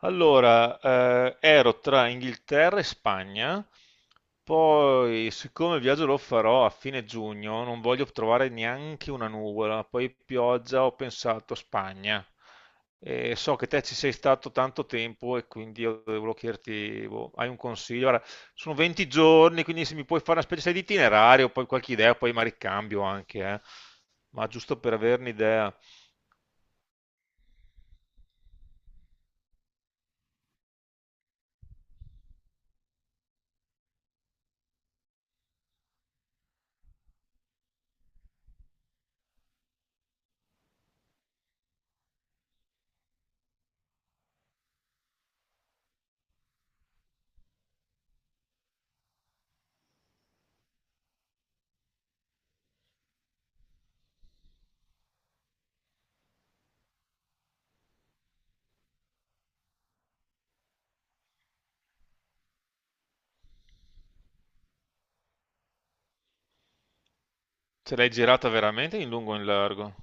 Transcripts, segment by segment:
Allora, ero tra Inghilterra e Spagna, poi siccome il viaggio lo farò a fine giugno, non voglio trovare neanche una nuvola, poi pioggia, ho pensato a Spagna. E so che te ci sei stato tanto tempo e quindi io volevo chiederti, boh, hai un consiglio? Guarda, sono 20 giorni, quindi se mi puoi fare una specie sai, di itinerario, poi qualche idea, poi ma ricambio anche, eh. Ma giusto per averne idea, ce l'hai girata veramente in lungo e in largo?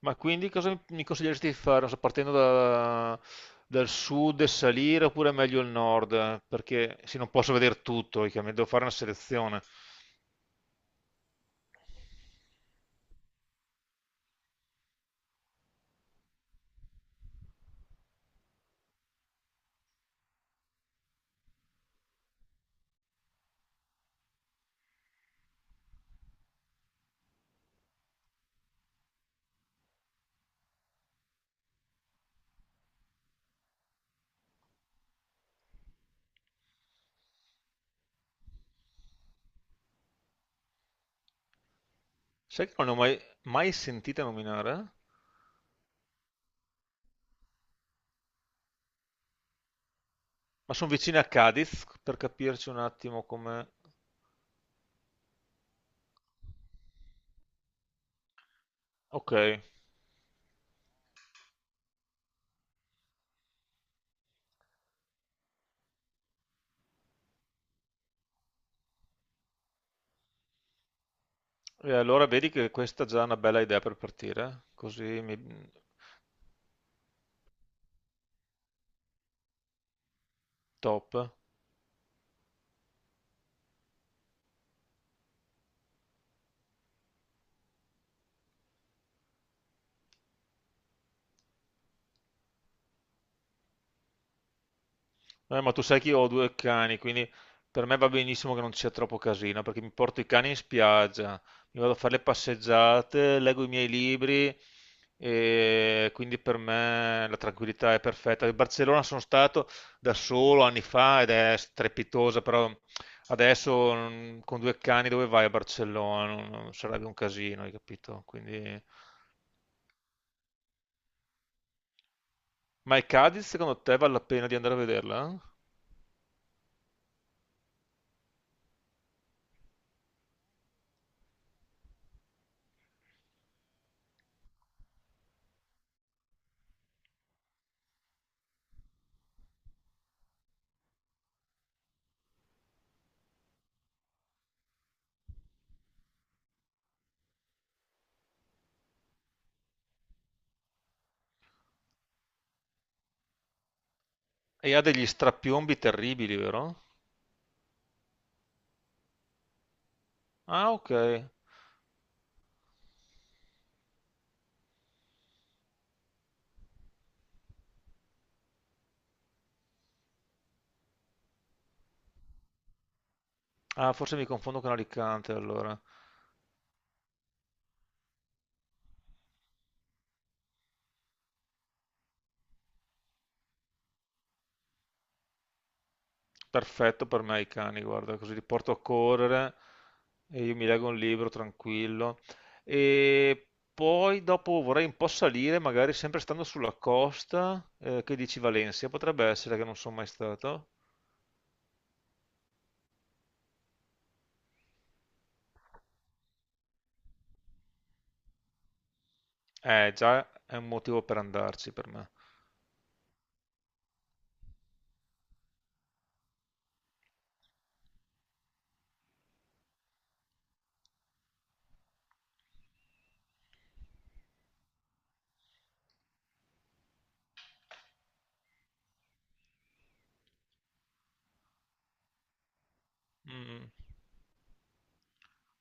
Ma quindi cosa mi consiglieresti di fare? Non so, dal sud e salire oppure meglio il nord? Perché sì, non posso vedere tutto, chiaramente devo fare una selezione. Sai che non ne ho mai, mai sentita nominare? Ma sono vicina a Cadiz, per capirci un attimo come... Ok, e allora vedi che questa è già una bella idea per partire, così mi... top. Ma tu sai che io ho due cani, quindi per me va benissimo che non ci sia troppo casino, perché mi porto i cani in spiaggia, mi vado a fare le passeggiate, leggo i miei libri e quindi per me la tranquillità è perfetta. A Barcellona sono stato da solo anni fa ed è strepitosa, però adesso con due cani dove vai a Barcellona? Non sarebbe un casino, hai capito? Quindi... Ma il Cadiz secondo te vale la pena di andare a vederla? E ha degli strapiombi terribili, vero? Ah, ok. Ah, forse mi confondo con Alicante allora. Perfetto per me i cani, guarda, così li porto a correre e io mi leggo un libro tranquillo. E poi dopo vorrei un po' salire, magari sempre stando sulla costa, che dici Valencia, potrebbe essere che non sono mai stato. Già è un motivo per andarci per me. Mm.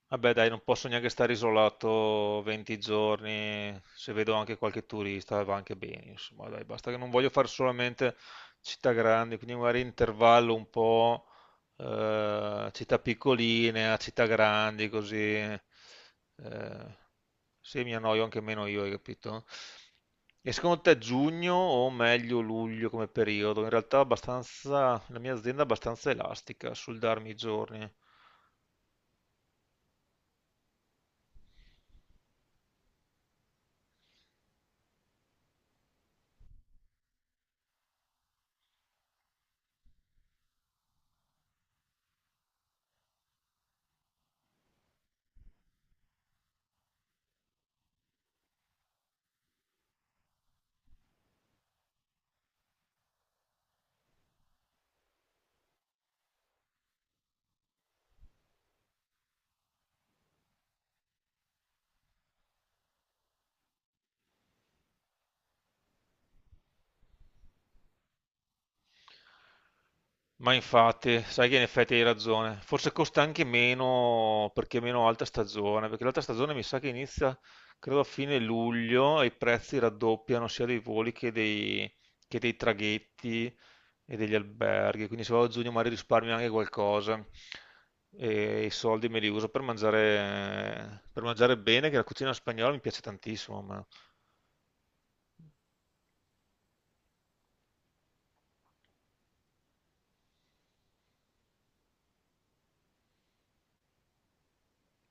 Vabbè dai, non posso neanche stare isolato 20 giorni, se vedo anche qualche turista va anche bene, insomma, dai, basta che non voglio fare solamente città grandi, quindi magari intervallo un po' città piccoline a città grandi, così se mi annoio anche meno io, hai capito? E secondo te giugno o meglio luglio come periodo? In realtà abbastanza, la mia azienda è abbastanza elastica sul darmi i giorni. Ma infatti, sai che in effetti hai ragione. Forse costa anche meno perché è meno alta stagione, perché l'alta stagione mi sa che inizia, credo, a fine luglio e i prezzi raddoppiano sia dei voli che dei traghetti e degli alberghi. Quindi se vado a giugno magari risparmio anche qualcosa e i soldi me li uso per mangiare bene, che la cucina spagnola mi piace tantissimo. A me.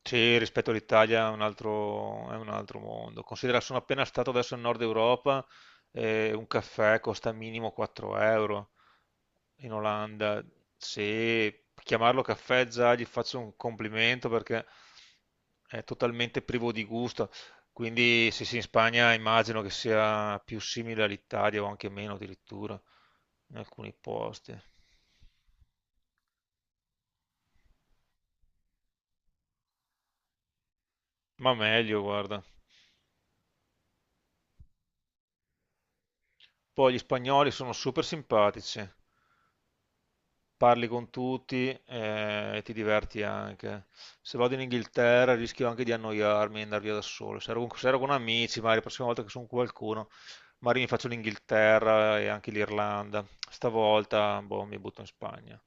Sì, rispetto all'Italia è è un altro mondo. Considera, sono appena stato adesso in Nord Europa e un caffè costa minimo 4 euro in Olanda. Se chiamarlo caffè già gli faccio un complimento perché è totalmente privo di gusto. Quindi sì, sì, in Spagna immagino che sia più simile all'Italia o anche meno addirittura in alcuni posti. Ma meglio, guarda. Poi gli spagnoli sono super simpatici. Parli con tutti e ti diverti anche. Se vado in Inghilterra rischio anche di annoiarmi e andare via da solo. Se ero con amici, magari la prossima volta che sono con qualcuno, magari mi faccio l'Inghilterra e anche l'Irlanda. Stavolta, boh, mi butto in Spagna.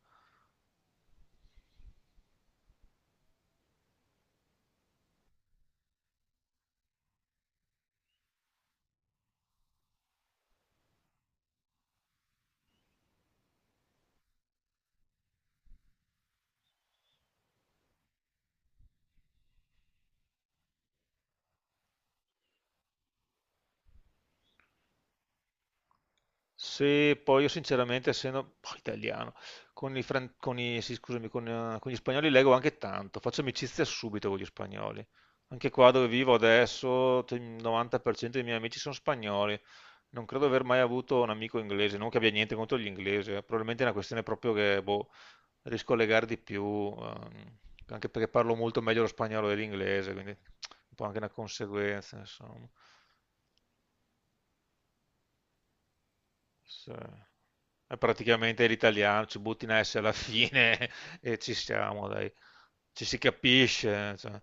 Se poi io sinceramente, essendo oh, italiano, con i, fran- con i- sì, scusami, con gli spagnoli leggo anche tanto, faccio amicizia subito con gli spagnoli. Anche qua dove vivo adesso, il 90% dei miei amici sono spagnoli. Non credo di aver mai avuto un amico inglese, non che abbia niente contro gli inglesi, probabilmente è una questione proprio che boh, riesco a legare di più, ehm, anche perché parlo molto meglio lo spagnolo dell'inglese, quindi un po' anche una conseguenza, insomma. Sì. È praticamente l'italiano, ci butti in S alla fine e ci siamo, dai. Ci si capisce. Cioè.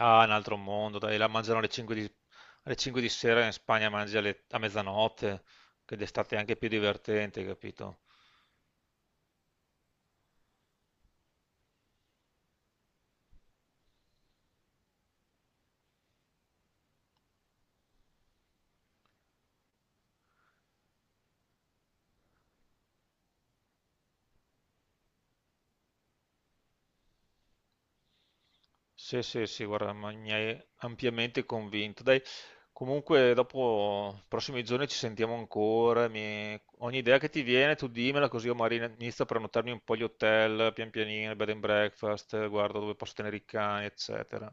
Ah, è un altro mondo, dai, la mangiano alle 5 di sera, in Spagna a mezzanotte, che d'estate è anche più divertente, capito? Sì, sì, sì, guarda, ma mi hai ampiamente convinto. Dai, comunque dopo, i prossimi giorni ci sentiamo ancora. Ogni idea che ti viene, tu dimmela così io magari inizio a prenotarmi un po' gli hotel, pian pianino, bed and breakfast, guardo dove posso tenere i cani, eccetera.